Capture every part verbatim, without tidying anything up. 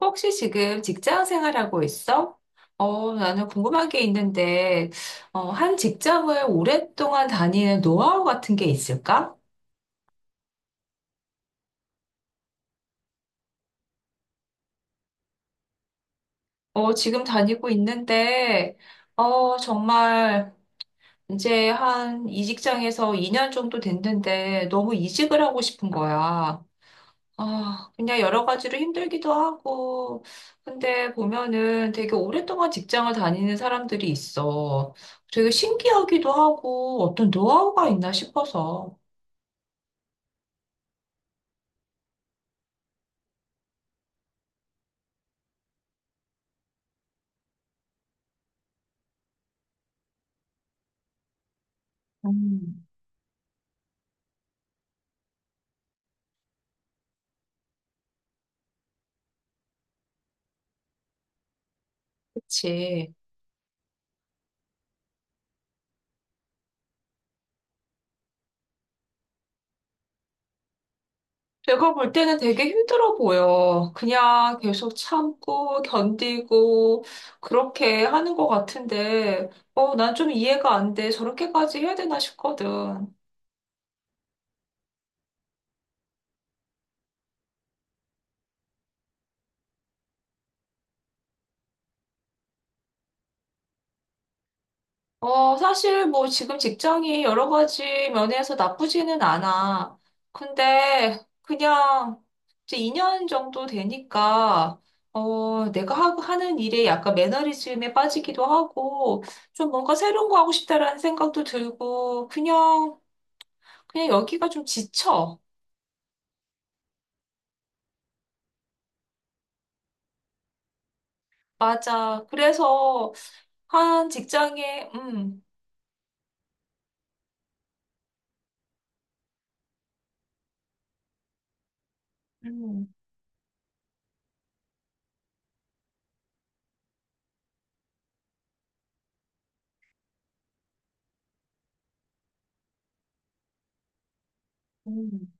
혹시 지금 직장 생활하고 있어? 어, 나는 궁금한 게 있는데, 어, 한 직장을 오랫동안 다니는 노하우 같은 게 있을까? 어, 지금 다니고 있는데, 어, 정말 이제 한 이 직장에서 이 년 정도 됐는데 너무 이직을 하고 싶은 거야. 아, 그냥 여러 가지로 힘들기도 하고, 근데 보면은 되게 오랫동안 직장을 다니는 사람들이 있어. 되게 신기하기도 하고, 어떤 노하우가 있나 싶어서. 음, 그치. 제가 볼 때는 되게 힘들어 보여. 그냥 계속 참고, 견디고, 그렇게 하는 것 같은데, 어, 난 좀 이해가 안 돼. 저렇게까지 해야 되나 싶거든. 어, 사실 뭐 지금 직장이 여러 가지 면에서 나쁘지는 않아. 근데 그냥 이제 이 년 정도 되니까 어, 내가 하고 하는 일에 약간 매너리즘에 빠지기도 하고 좀 뭔가 새로운 거 하고 싶다라는 생각도 들고 그냥 그냥 여기가 좀 지쳐. 맞아. 그래서 한 직장에 음, 음, 음,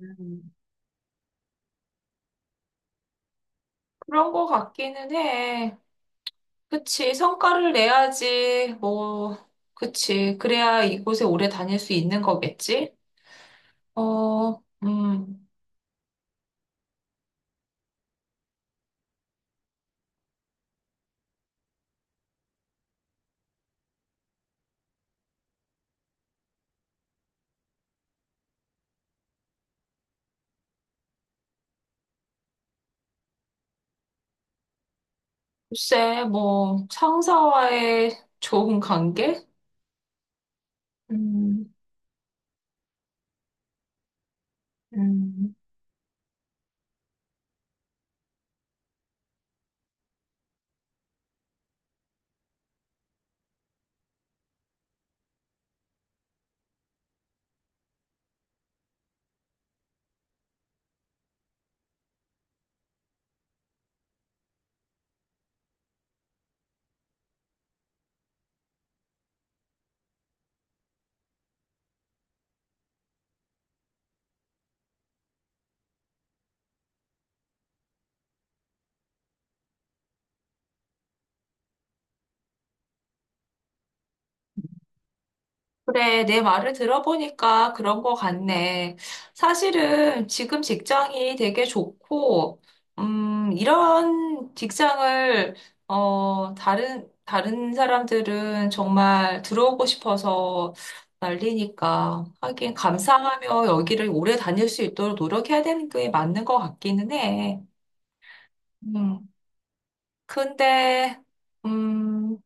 음. 그런 거 같기는 해. 그치. 성과를 내야지. 뭐, 그치. 그래야 이곳에 오래 다닐 수 있는 거겠지? 어, 음, 글쎄, 뭐, 상사와의 좋은 관계? 음, 음. 그래, 내 말을 들어보니까 그런 거 같네. 사실은 지금 직장이 되게 좋고, 음, 이런 직장을, 어, 다른, 다른 사람들은 정말 들어오고 싶어서 난리니까. 하긴 감사하며 여기를 오래 다닐 수 있도록 노력해야 되는 게 맞는 것 같기는 해. 음, 근데, 음,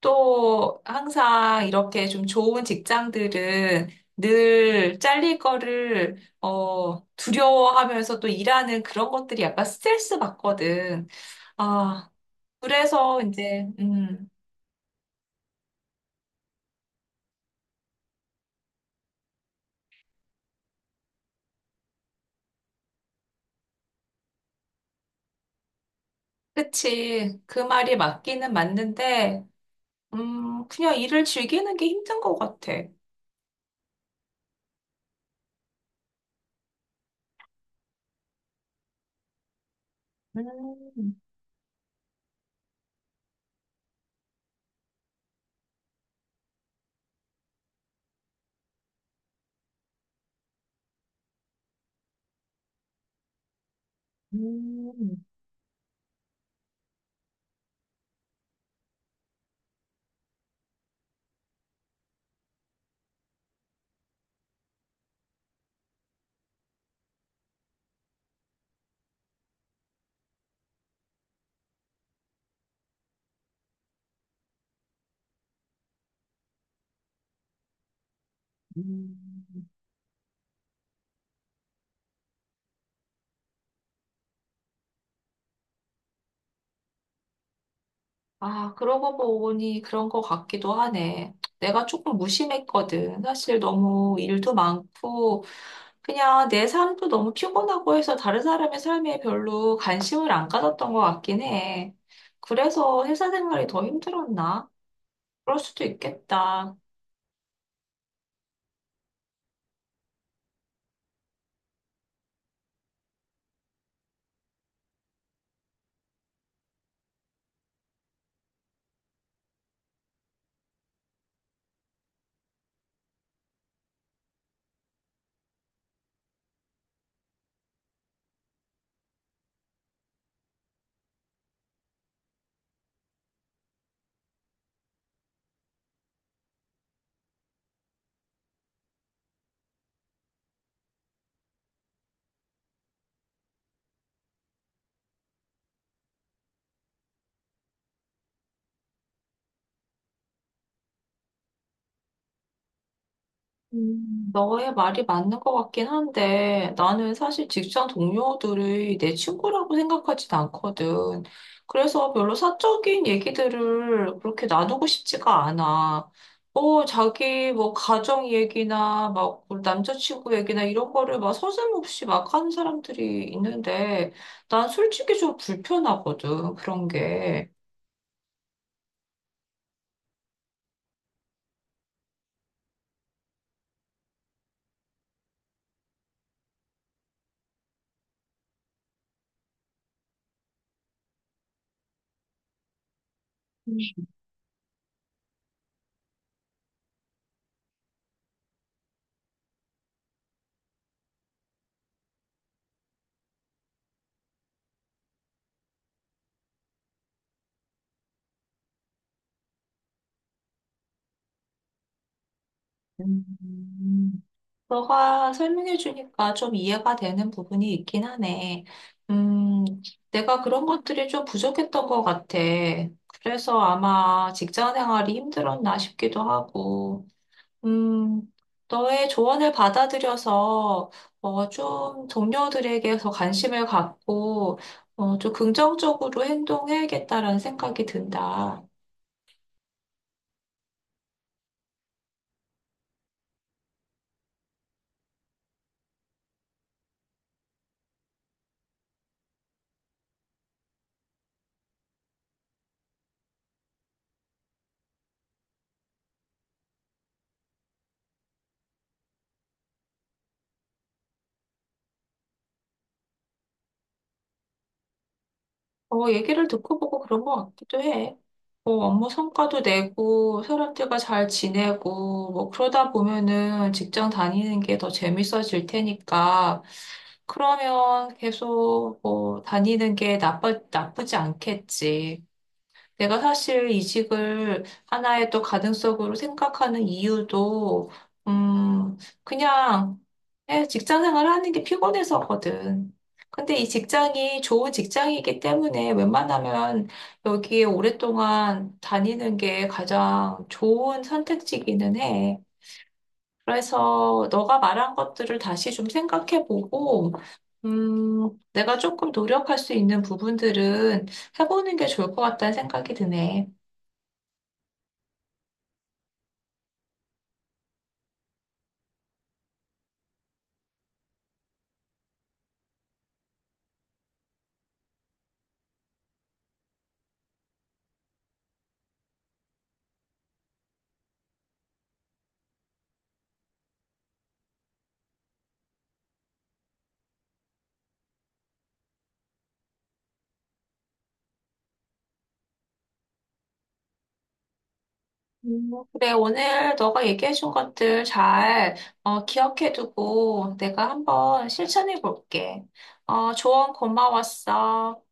또 항상 이렇게 좀 좋은 직장들은 늘 잘릴 거를 어 두려워하면서 또 일하는 그런 것들이 약간 스트레스 받거든. 아, 그래서 이제 음, 그치. 그 말이 맞기는 맞는데 음, 그냥 일을 즐기는 게 힘든 것 같아. 음, 음, 음. 아, 그러고 보니 그런 것 같기도 하네. 내가 조금 무심했거든. 사실 너무 일도 많고, 그냥 내 삶도 너무 피곤하고 해서 다른 사람의 삶에 별로 관심을 안 가졌던 것 같긴 해. 그래서 회사 생활이 더 힘들었나? 그럴 수도 있겠다. 음, 너의 말이 맞는 것 같긴 한데 나는 사실 직장 동료들이 내 친구라고 생각하진 않거든. 그래서 별로 사적인 얘기들을 그렇게 나누고 싶지가 않아. 뭐 자기 뭐 가정 얘기나 막 뭐 남자친구 얘기나 이런 거를 막 서슴없이 막 하는 사람들이 있는데 난 솔직히 좀 불편하거든 그런 게. 음. 너가 설명해 주니까 좀 이해가 되는 부분이 있긴 하네. 음, 내가 그런 것들이 좀 부족했던 것 같아. 그래서 아마 직장 생활이 힘들었나 싶기도 하고, 음, 너의 조언을 받아들여서 어, 좀 동료들에게 더 관심을 갖고 어, 좀 긍정적으로 행동해야겠다라는 생각이 든다. 어, 얘기를 듣고 보고 그런 것 같기도 해. 뭐 업무 성과도 내고 사람들과 잘 지내고 뭐 그러다 보면은 직장 다니는 게 더 재밌어질 테니까 그러면 계속 뭐 다니는 게 나빠, 나쁘지 않겠지. 내가 사실 이직을 하나의 또 가능성으로 생각하는 이유도, 음, 그냥 예, 직장 생활을 하는 게 피곤해서거든. 근데 이 직장이 좋은 직장이기 때문에 웬만하면 여기에 오랫동안 다니는 게 가장 좋은 선택지기는 해. 그래서 너가 말한 것들을 다시 좀 생각해보고, 음, 내가 조금 노력할 수 있는 부분들은 해보는 게 좋을 것 같다는 생각이 드네. 음, 그래, 오늘 너가 얘기해준 것들 잘 어, 기억해두고 내가 한번 실천해 볼게. 어, 조언 고마웠어.